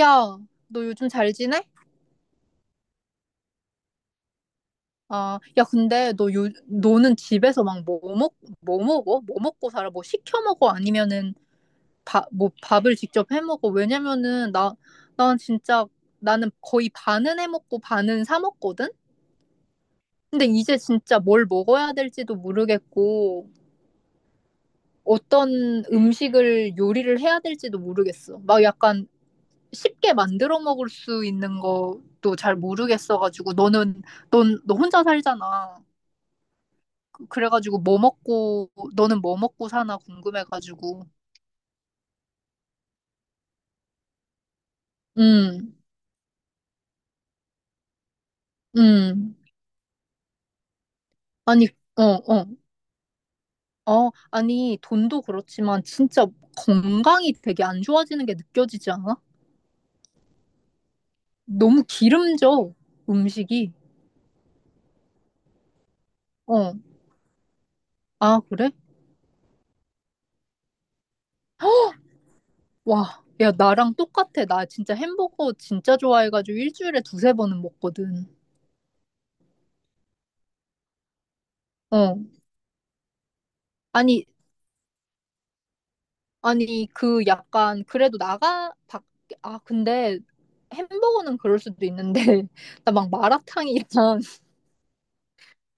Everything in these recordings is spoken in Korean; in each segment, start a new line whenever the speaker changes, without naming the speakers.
야, 너 요즘 잘 지내? 아, 야, 근데 너는 집에서 막 뭐 먹어? 뭐 먹고 살아? 뭐 시켜 먹어? 아니면은 뭐 밥을 직접 해 먹어? 왜냐면은 나, 난 진짜 나는 거의 반은 해 먹고 반은 사 먹거든? 근데 이제 진짜 뭘 먹어야 될지도 모르겠고 어떤 음식을 요리를 해야 될지도 모르겠어. 막 약간 쉽게 만들어 먹을 수 있는 것도 잘 모르겠어가지고 너 혼자 살잖아. 그래가지고 뭐 먹고 너는 뭐 먹고 사나 궁금해가지고. 음, 음. 아니, 어, 어. 어, 아니, 돈도 그렇지만 진짜 건강이 되게 안 좋아지는 게 느껴지지 않아? 너무 기름져, 음식이. 어. 아, 그래? 와, 야, 나랑 똑같아. 나 진짜 햄버거 진짜 좋아해가지고 일주일에 두세 번은 먹거든. 어. 아니, 아니, 그 약간 그래도 나가 밖 아 근데 햄버거는 그럴 수도 있는데 나 막 마라탕이랑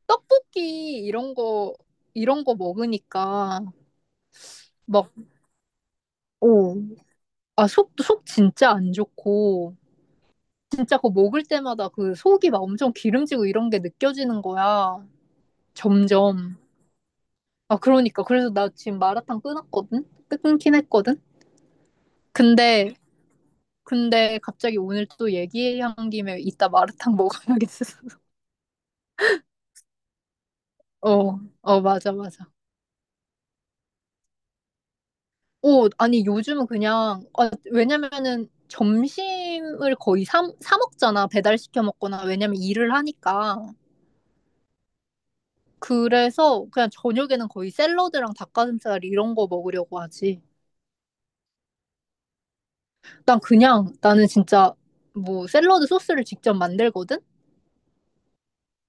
떡볶이 이런 거 이런 거 먹으니까 막. 오. 아, 속 진짜 안 좋고, 진짜 그거 먹을 때마다 그 속이 막 엄청 기름지고 이런 게 느껴지는 거야. 점점. 아, 그러니까. 그래서 나 지금 마라탕 끊었거든? 끊긴 했거든? 근데 근데 갑자기 오늘 또 얘기한 김에 이따 마라탕 먹어야겠어. 어, 어, 맞아, 맞아. 오, 아니, 요즘은 그냥, 아, 왜냐면은 점심을 거의 사 먹잖아. 배달시켜 먹거나, 왜냐면 일을 하니까. 그래서 그냥 저녁에는 거의 샐러드랑 닭가슴살 이런 거 먹으려고 하지. 나는 진짜 뭐 샐러드 소스를 직접 만들거든?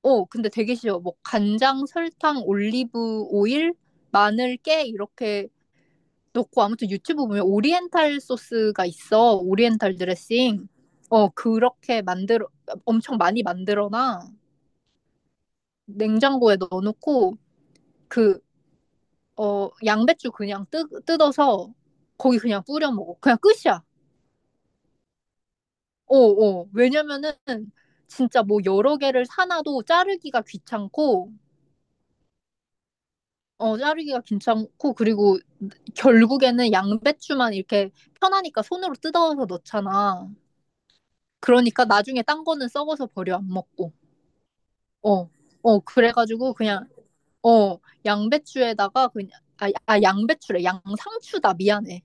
어, 근데 되게 쉬워. 뭐 간장, 설탕, 올리브 오일, 마늘, 깨 이렇게 넣고 아무튼 유튜브 보면 오리엔탈 소스가 있어. 오리엔탈 드레싱. 어, 그렇게 만들어, 엄청 많이 만들어놔. 냉장고에 넣어놓고, 그, 어, 양배추 그냥 뜯어서 거기 그냥 뿌려 먹어. 그냥 끝이야. 어, 어. 왜냐면은 진짜 뭐 여러 개를 사놔도 자르기가 귀찮고, 그리고 결국에는 양배추만 이렇게 편하니까 손으로 뜯어서 넣잖아. 그러니까 나중에 딴 거는 썩어서 버려 안 먹고. 어. 어, 그래가지고 그냥. 어, 양배추에다가 그냥. 아, 아 양배추래. 양상추다. 미안해.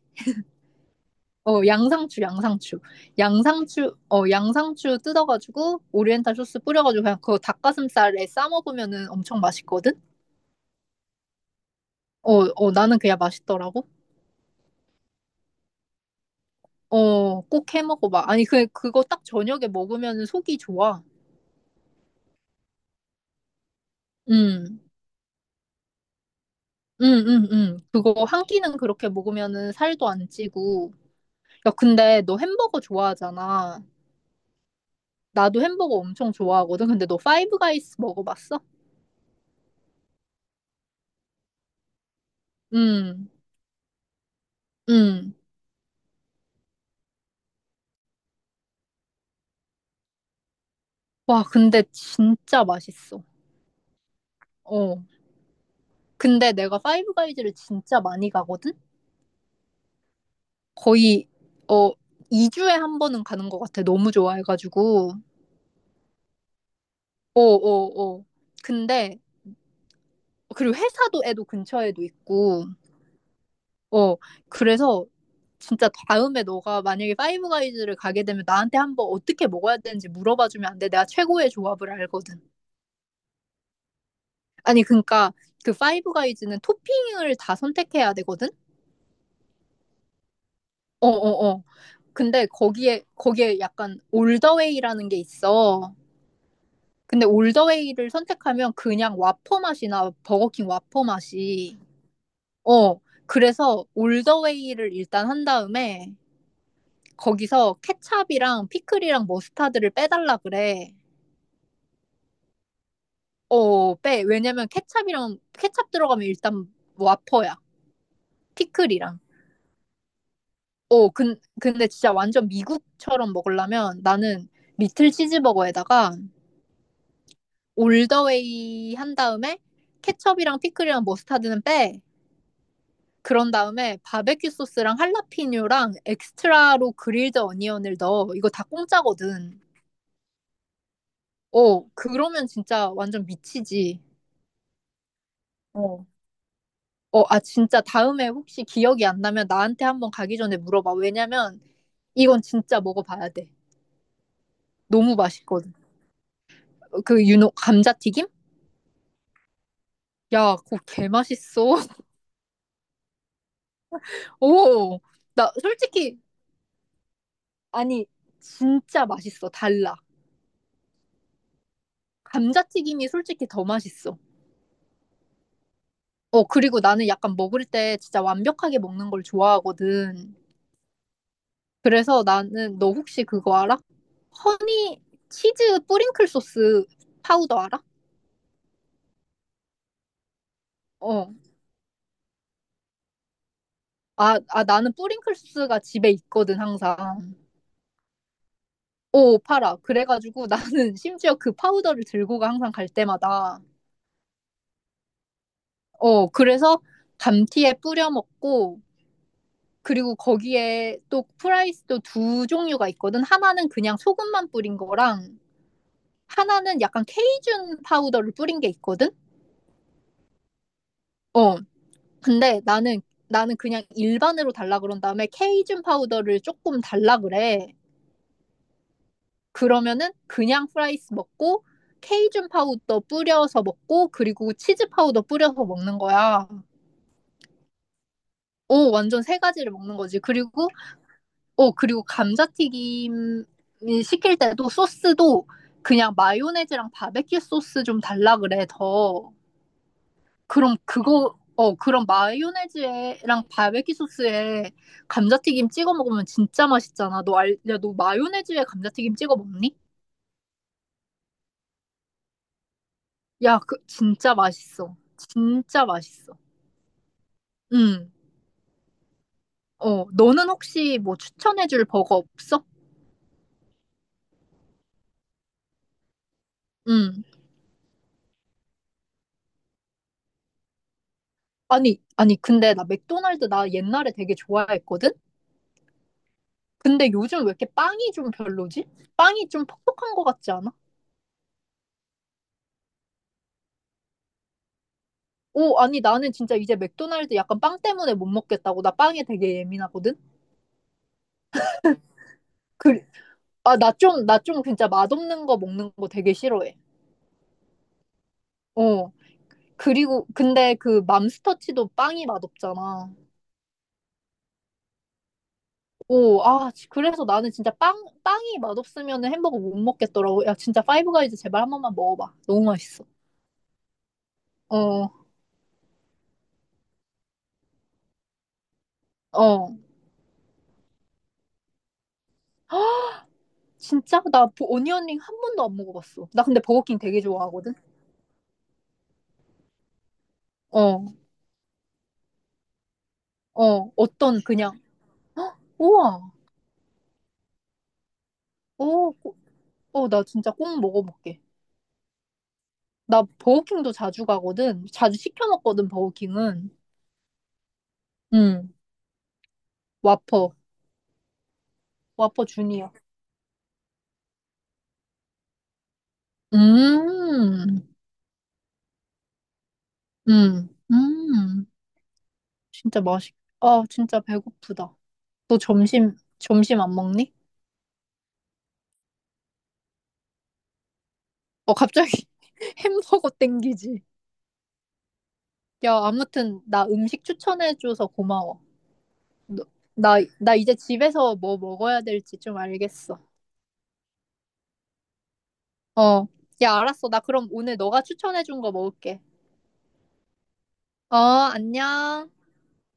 어, 양상추, 양상추. 양상추, 양상추 뜯어가지고 오리엔탈 소스 뿌려가지고 그냥 그거 닭가슴살에 싸 먹으면은 엄청 맛있거든. 어, 어, 나는 그냥 맛있더라고. 어, 꼭 해 먹어봐. 아니, 그거 딱 저녁에 먹으면 은 속이 좋아. 음, 그거 한 끼는 그렇게 먹으면은 살도 안 찌고, 야, 근데 너 햄버거 좋아하잖아. 나도 햄버거 엄청 좋아하거든. 근데 너 파이브 가이스 먹어봤어? 응, 응. 와, 근데 진짜 맛있어. 어. 근데 내가 파이브 가이즈를 진짜 많이 가거든? 거의, 어, 2주에 한 번은 가는 것 같아. 너무 좋아해가지고. 어, 어, 어. 근데, 그리고 회사도 애도 근처에도 있고. 어, 그래서 진짜 다음에 너가 만약에 파이브 가이즈를 가게 되면 나한테 한번 어떻게 먹어야 되는지 물어봐주면 안 돼. 내가 최고의 조합을 알거든. 아니, 그러니까 그 파이브 가이즈는 토핑을 다 선택해야 되거든? 어, 어, 어. 근데 거기에 약간 올더웨이라는 게 있어. 근데 올더웨이를 선택하면 그냥 와퍼 맛이나 버거킹 와퍼 맛이. 어, 그래서 올더웨이를 일단 한 다음에 거기서 케찹이랑 피클이랑 머스타드를 빼달라 그래. 어, 빼. 왜냐면 케찹 들어가면 일단 와퍼야. 피클이랑. 어, 근데 진짜 완전 미국처럼 먹으려면 나는 리틀 치즈버거에다가 올더웨이 한 다음에 케첩이랑 피클이랑 머스타드는 빼. 그런 다음에 바베큐 소스랑 할라피뇨랑 엑스트라로 그릴드 어니언을 넣어. 이거 다 공짜거든. 어, 그러면 진짜 완전 미치지. 어. 어, 아, 진짜 다음에 혹시 기억이 안 나면 나한테 한번 가기 전에 물어봐. 왜냐면 이건 진짜 먹어봐야 돼. 너무 맛있거든. 어, 그 유노 감자튀김? 야, 그거 개 맛있어. 오, 나 솔직히. 아니, 진짜 맛있어. 달라. 감자튀김이 솔직히 더 맛있어. 어, 그리고 나는 약간 먹을 때 진짜 완벽하게 먹는 걸 좋아하거든. 그래서 나는 너 혹시 그거 알아? 허니 치즈 뿌링클 소스 파우더 알아? 어. 아, 아, 나는 뿌링클스가 집에 있거든, 항상. 오, 팔아. 그래가지고 나는 심지어 그 파우더를 들고 가, 항상 갈 때마다. 어, 그래서 감티에 뿌려 먹고, 그리고 거기에 또 프라이스도 두 종류가 있거든. 하나는 그냥 소금만 뿌린 거랑, 하나는 약간 케이준 파우더를 뿌린 게 있거든? 어, 근데 나는 그냥 일반으로 달라 그런 다음에 케이준 파우더를 조금 달라 그래. 그러면은 그냥 프라이스 먹고 케이준 파우더 뿌려서 먹고 그리고 치즈 파우더 뿌려서 먹는 거야. 오, 완전 세 가지를 먹는 거지. 그리고 감자튀김 시킬 때도 소스도 그냥 마요네즈랑 바베큐 소스 좀 달라 그래 더. 그럼 그거 어 그럼 마요네즈랑 바베큐 소스에 감자튀김 찍어 먹으면 진짜 맛있잖아. 야, 너 마요네즈에 감자튀김 찍어 먹니? 야, 그 진짜 맛있어. 진짜 맛있어. 음. 어, 너는 혹시 뭐 추천해줄 버거 없어? 음. 아니, 아니, 근데 나 맥도날드 나 옛날에 되게 좋아했거든? 근데 요즘 왜 이렇게 빵이 좀 별로지? 빵이 좀 퍽퍽한 것 같지 않아? 오, 아니, 나는 진짜 이제 맥도날드 약간 빵 때문에 못 먹겠다고. 나 빵에 되게 예민하거든? 그, 아, 나 좀 진짜 맛없는 거 먹는 거 되게 싫어해. 어. 근데 그 맘스터치도 빵이 맛없잖아. 오, 아, 그래서 나는 진짜 빵이 맛없으면 햄버거 못 먹겠더라고. 야, 진짜 파이브가이즈 제발 한 번만 먹어봐. 너무 맛있어. 어, 어. 진짜? 나 오니언링 한 번도 안 먹어봤어. 나 근데 버거킹 되게 좋아하거든? 어, 어. 어떤 그냥, 헉, 우와. 어, 어, 나 진짜 꼭 먹어볼게. 나 버거킹도 자주 가거든. 자주 시켜 먹거든, 버거킹은. 음, 와퍼. 와퍼 주니어. 음, 음, 음. 진짜 맛있 아, 진짜 배고프다. 너 점심 안 먹니? 어, 갑자기 햄버거 땡기지. 야, 아무튼, 나 음식 추천해줘서 고마워. 너- 나 이제 집에서 뭐 먹어야 될지 좀 알겠어. 어, 야, 알았어. 나 그럼 오늘 너가 추천해준 거 먹을게. 어, 안녕.